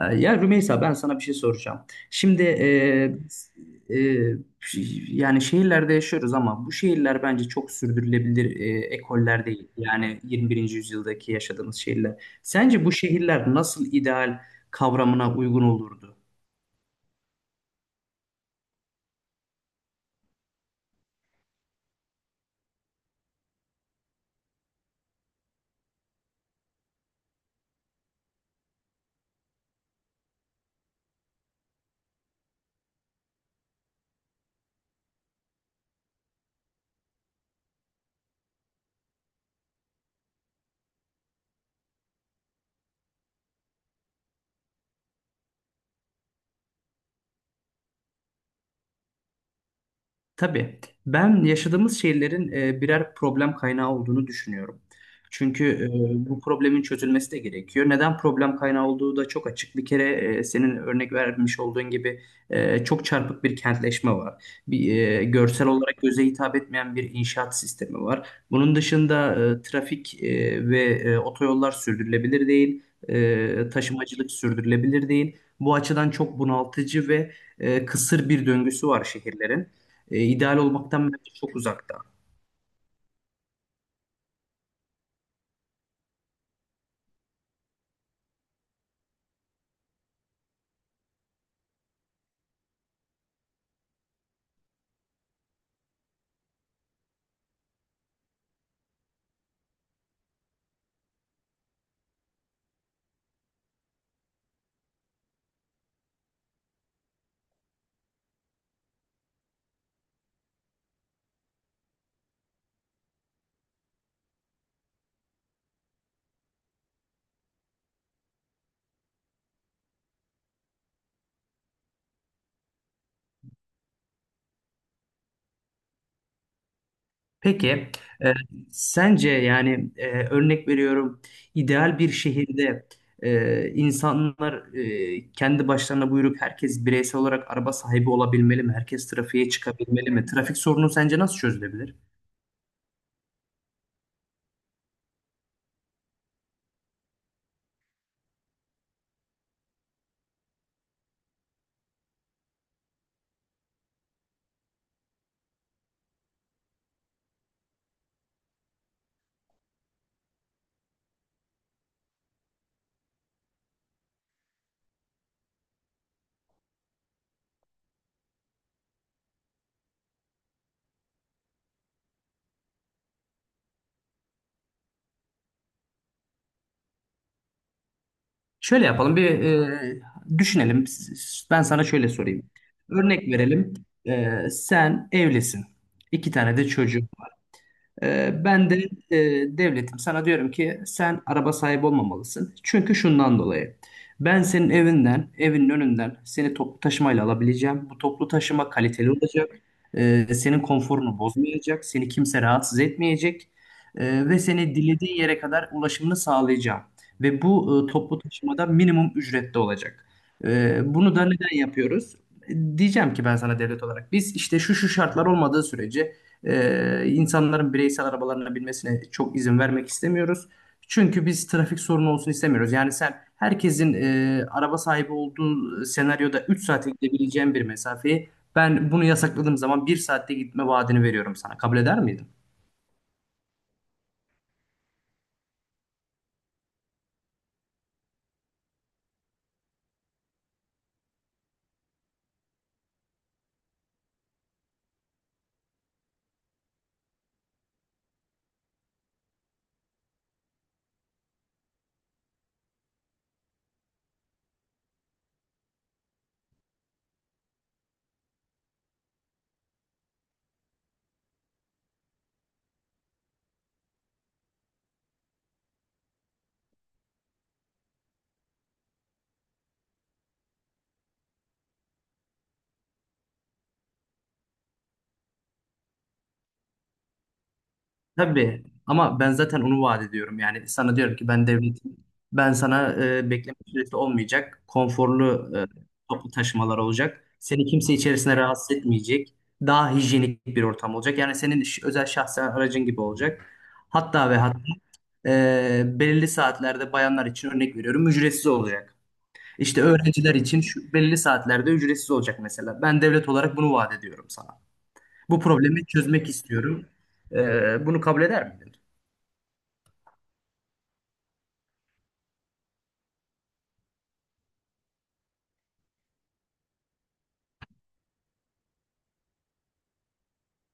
Ya Rümeysa ben sana bir şey soracağım. Şimdi e, yani şehirlerde yaşıyoruz ama bu şehirler bence çok sürdürülebilir ekoller değil. Yani 21. yüzyıldaki yaşadığımız şehirler. Sence bu şehirler nasıl ideal kavramına uygun olurdu? Tabii. Ben yaşadığımız şehirlerin birer problem kaynağı olduğunu düşünüyorum. Çünkü bu problemin çözülmesi de gerekiyor. Neden problem kaynağı olduğu da çok açık. Bir kere senin örnek vermiş olduğun gibi çok çarpık bir kentleşme var. Bir görsel olarak göze hitap etmeyen bir inşaat sistemi var. Bunun dışında trafik ve otoyollar sürdürülebilir değil. Taşımacılık sürdürülebilir değil. Bu açıdan çok bunaltıcı ve kısır bir döngüsü var şehirlerin. İdeal olmaktan bence çok uzakta. Peki, e, sence yani örnek veriyorum ideal bir şehirde insanlar kendi başlarına buyurup herkes bireysel olarak araba sahibi olabilmeli mi? Herkes trafiğe çıkabilmeli mi? Trafik sorunu sence nasıl çözülebilir? Şöyle yapalım bir düşünelim. Ben sana şöyle sorayım. Örnek verelim. Sen evlisin. İki tane de çocuğun. Ben de devletim, sana diyorum ki sen araba sahibi olmamalısın. Çünkü şundan dolayı. Ben senin evinden, evinin önünden seni toplu taşımayla alabileceğim. Bu toplu taşıma kaliteli olacak. Senin konforunu bozmayacak. Seni kimse rahatsız etmeyecek. Ve seni dilediğin yere kadar ulaşımını sağlayacağım. Ve bu toplu taşımada minimum ücrette olacak. Bunu da neden yapıyoruz? Diyeceğim ki ben sana devlet olarak biz işte şu şu şartlar olmadığı sürece insanların bireysel arabalarına binmesine çok izin vermek istemiyoruz. Çünkü biz trafik sorunu olsun istemiyoruz. Yani sen herkesin araba sahibi olduğu senaryoda 3 saate gidebileceğin bir mesafeyi ben bunu yasakladığım zaman bir saatte gitme vaadini veriyorum sana. Kabul eder miydin? Tabii ama ben zaten onu vaat ediyorum. Yani sana diyorum ki ben devletim. Ben sana bekleme süresi olmayacak. Konforlu toplu taşımalar olacak. Seni kimse içerisine rahatsız etmeyecek. Daha hijyenik bir ortam olacak. Yani senin özel şahsen aracın gibi olacak. Hatta ve hatta belirli saatlerde bayanlar için örnek veriyorum ücretsiz olacak. İşte öğrenciler için şu belirli saatlerde ücretsiz olacak mesela. Ben devlet olarak bunu vaat ediyorum sana. Bu problemi çözmek istiyorum. Bunu kabul eder miydin?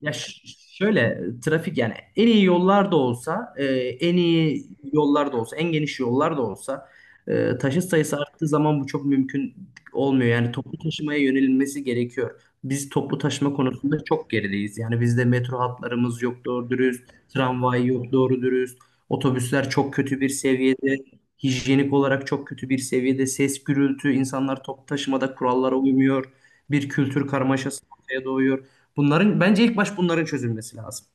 Ya ş- Şöyle trafik yani en iyi yollar da olsa en iyi yollar da olsa, en geniş yollar da olsa taşıt sayısı arttığı zaman bu çok mümkün olmuyor. Yani toplu taşımaya yönelilmesi gerekiyor. Biz toplu taşıma konusunda çok gerideyiz. Yani bizde metro hatlarımız yok doğru dürüst, tramvay yok doğru dürüst, otobüsler çok kötü bir seviyede, hijyenik olarak çok kötü bir seviyede, ses gürültü, insanlar toplu taşımada kurallara uymuyor. Bir kültür karmaşası ortaya doğuyor. Bunların bence ilk baş bunların çözülmesi lazım.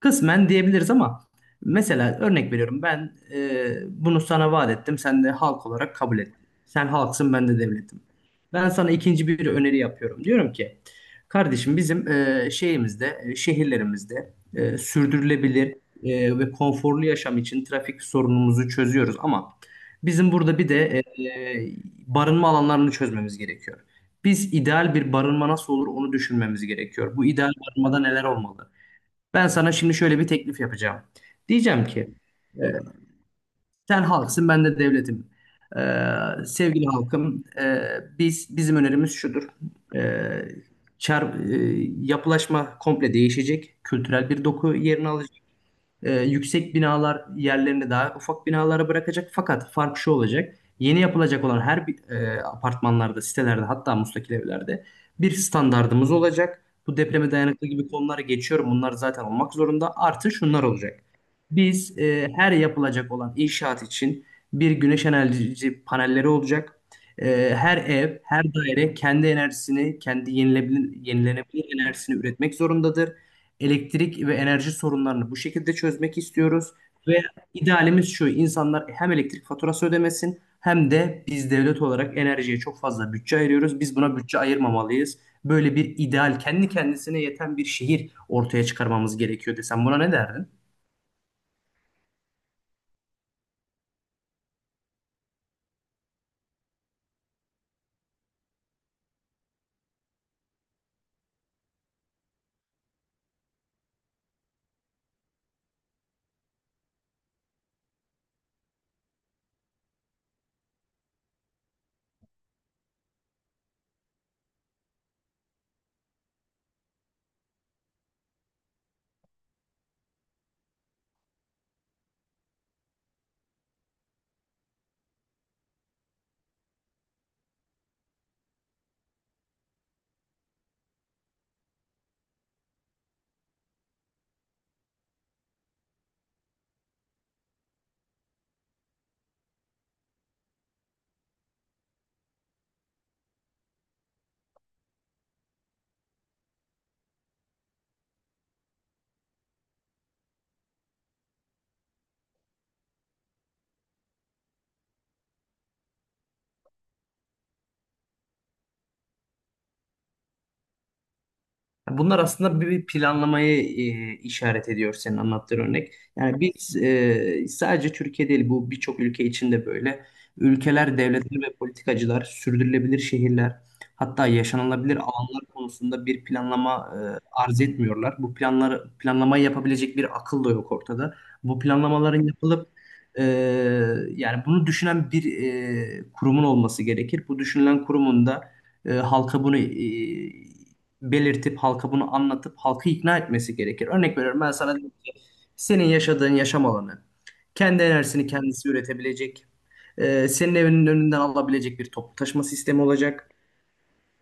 Kısmen diyebiliriz ama mesela örnek veriyorum ben bunu sana vaat ettim sen de halk olarak kabul ettin. Sen halksın ben de devletim. Ben sana ikinci bir öneri yapıyorum. Diyorum ki kardeşim bizim şehirlerimizde sürdürülebilir ve konforlu yaşam için trafik sorunumuzu çözüyoruz ama bizim burada bir de e, e, barınma alanlarını çözmemiz gerekiyor. Biz ideal bir barınma nasıl olur onu düşünmemiz gerekiyor. Bu ideal barınmada neler olmalı? Ben sana şimdi şöyle bir teklif yapacağım. Diyeceğim ki e, sen halksın ben de devletim. Sevgili halkım, biz bizim önerimiz şudur. E, çar, e, Yapılaşma komple değişecek. Kültürel bir doku yerini alacak. Yüksek binalar yerlerini daha ufak binalara bırakacak. Fakat fark şu olacak. Yeni yapılacak olan her bir, apartmanlarda, sitelerde hatta müstakil evlerde bir standardımız olacak. Bu depreme dayanıklı gibi konuları geçiyorum. Bunlar zaten olmak zorunda. Artı şunlar olacak. Biz her yapılacak olan inşaat için bir güneş enerji panelleri olacak. Her ev, her daire kendi enerjisini, kendi yenilenebilir enerjisini üretmek zorundadır, elektrik ve enerji sorunlarını bu şekilde çözmek istiyoruz ve idealimiz şu: insanlar hem elektrik faturası ödemesin hem de biz devlet olarak enerjiye çok fazla bütçe ayırıyoruz. Biz buna bütçe ayırmamalıyız. Böyle bir ideal kendi kendisine yeten bir şehir ortaya çıkarmamız gerekiyor desem buna ne derdin? Bunlar aslında bir planlamayı işaret ediyor, senin anlattığın örnek. Yani biz sadece Türkiye değil bu birçok ülke içinde böyle. Ülkeler, devletler ve politikacılar sürdürülebilir şehirler hatta yaşanılabilir alanlar konusunda bir planlama arz etmiyorlar. Bu planları planlamayı yapabilecek bir akıl da yok ortada. Bu planlamaların yapılıp e, yani bunu düşünen bir kurumun olması gerekir. Bu düşünülen kurumun da halka bunu belirtip halka bunu anlatıp halkı ikna etmesi gerekir. Örnek veriyorum, ben sana dedim ki senin yaşadığın yaşam alanı kendi enerjisini kendisi üretebilecek, senin evinin önünden alabilecek bir toplu taşıma sistemi olacak.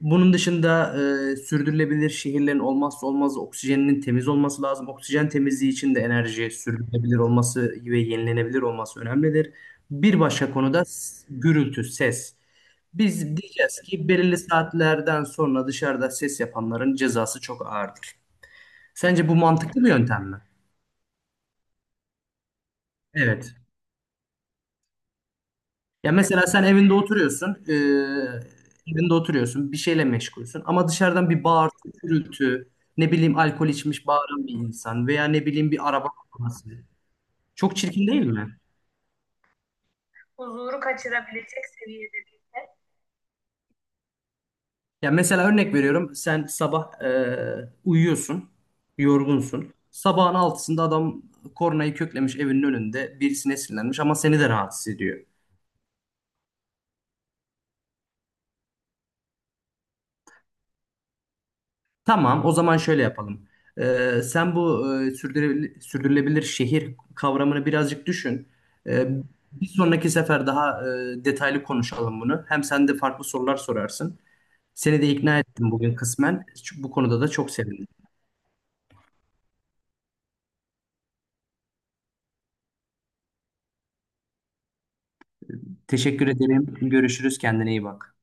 Bunun dışında sürdürülebilir şehirlerin olmazsa olmazı oksijeninin temiz olması lazım. Oksijen temizliği için de enerji sürdürülebilir olması ve yenilenebilir olması önemlidir. Bir başka konuda gürültü, ses. Biz diyeceğiz ki belirli saatlerden sonra dışarıda ses yapanların cezası çok ağırdır. Sence bu mantıklı bir yöntem mi? Evet. Ya mesela sen evinde oturuyorsun, evinde oturuyorsun, bir şeyle meşgulsün ama dışarıdan bir bağırtı, gürültü, ne bileyim alkol içmiş bağıran bir insan veya ne bileyim bir araba kullanması. Çok çirkin değil mi? Huzuru kaçırabilecek seviyede bir ses. Ya mesela örnek veriyorum, sen sabah uyuyorsun, yorgunsun. Sabahın altısında adam kornayı köklemiş evinin önünde, birisine sinirlenmiş ama seni de rahatsız ediyor. Tamam, o zaman şöyle yapalım. Sen bu sürdürülebilir şehir kavramını birazcık düşün. Ee, Bir sonraki sefer daha detaylı konuşalım bunu. Hem sen de farklı sorular sorarsın. Seni de ikna ettim bugün kısmen. Bu konuda da çok sevindim. Teşekkür ederim. Görüşürüz. Kendine iyi bak.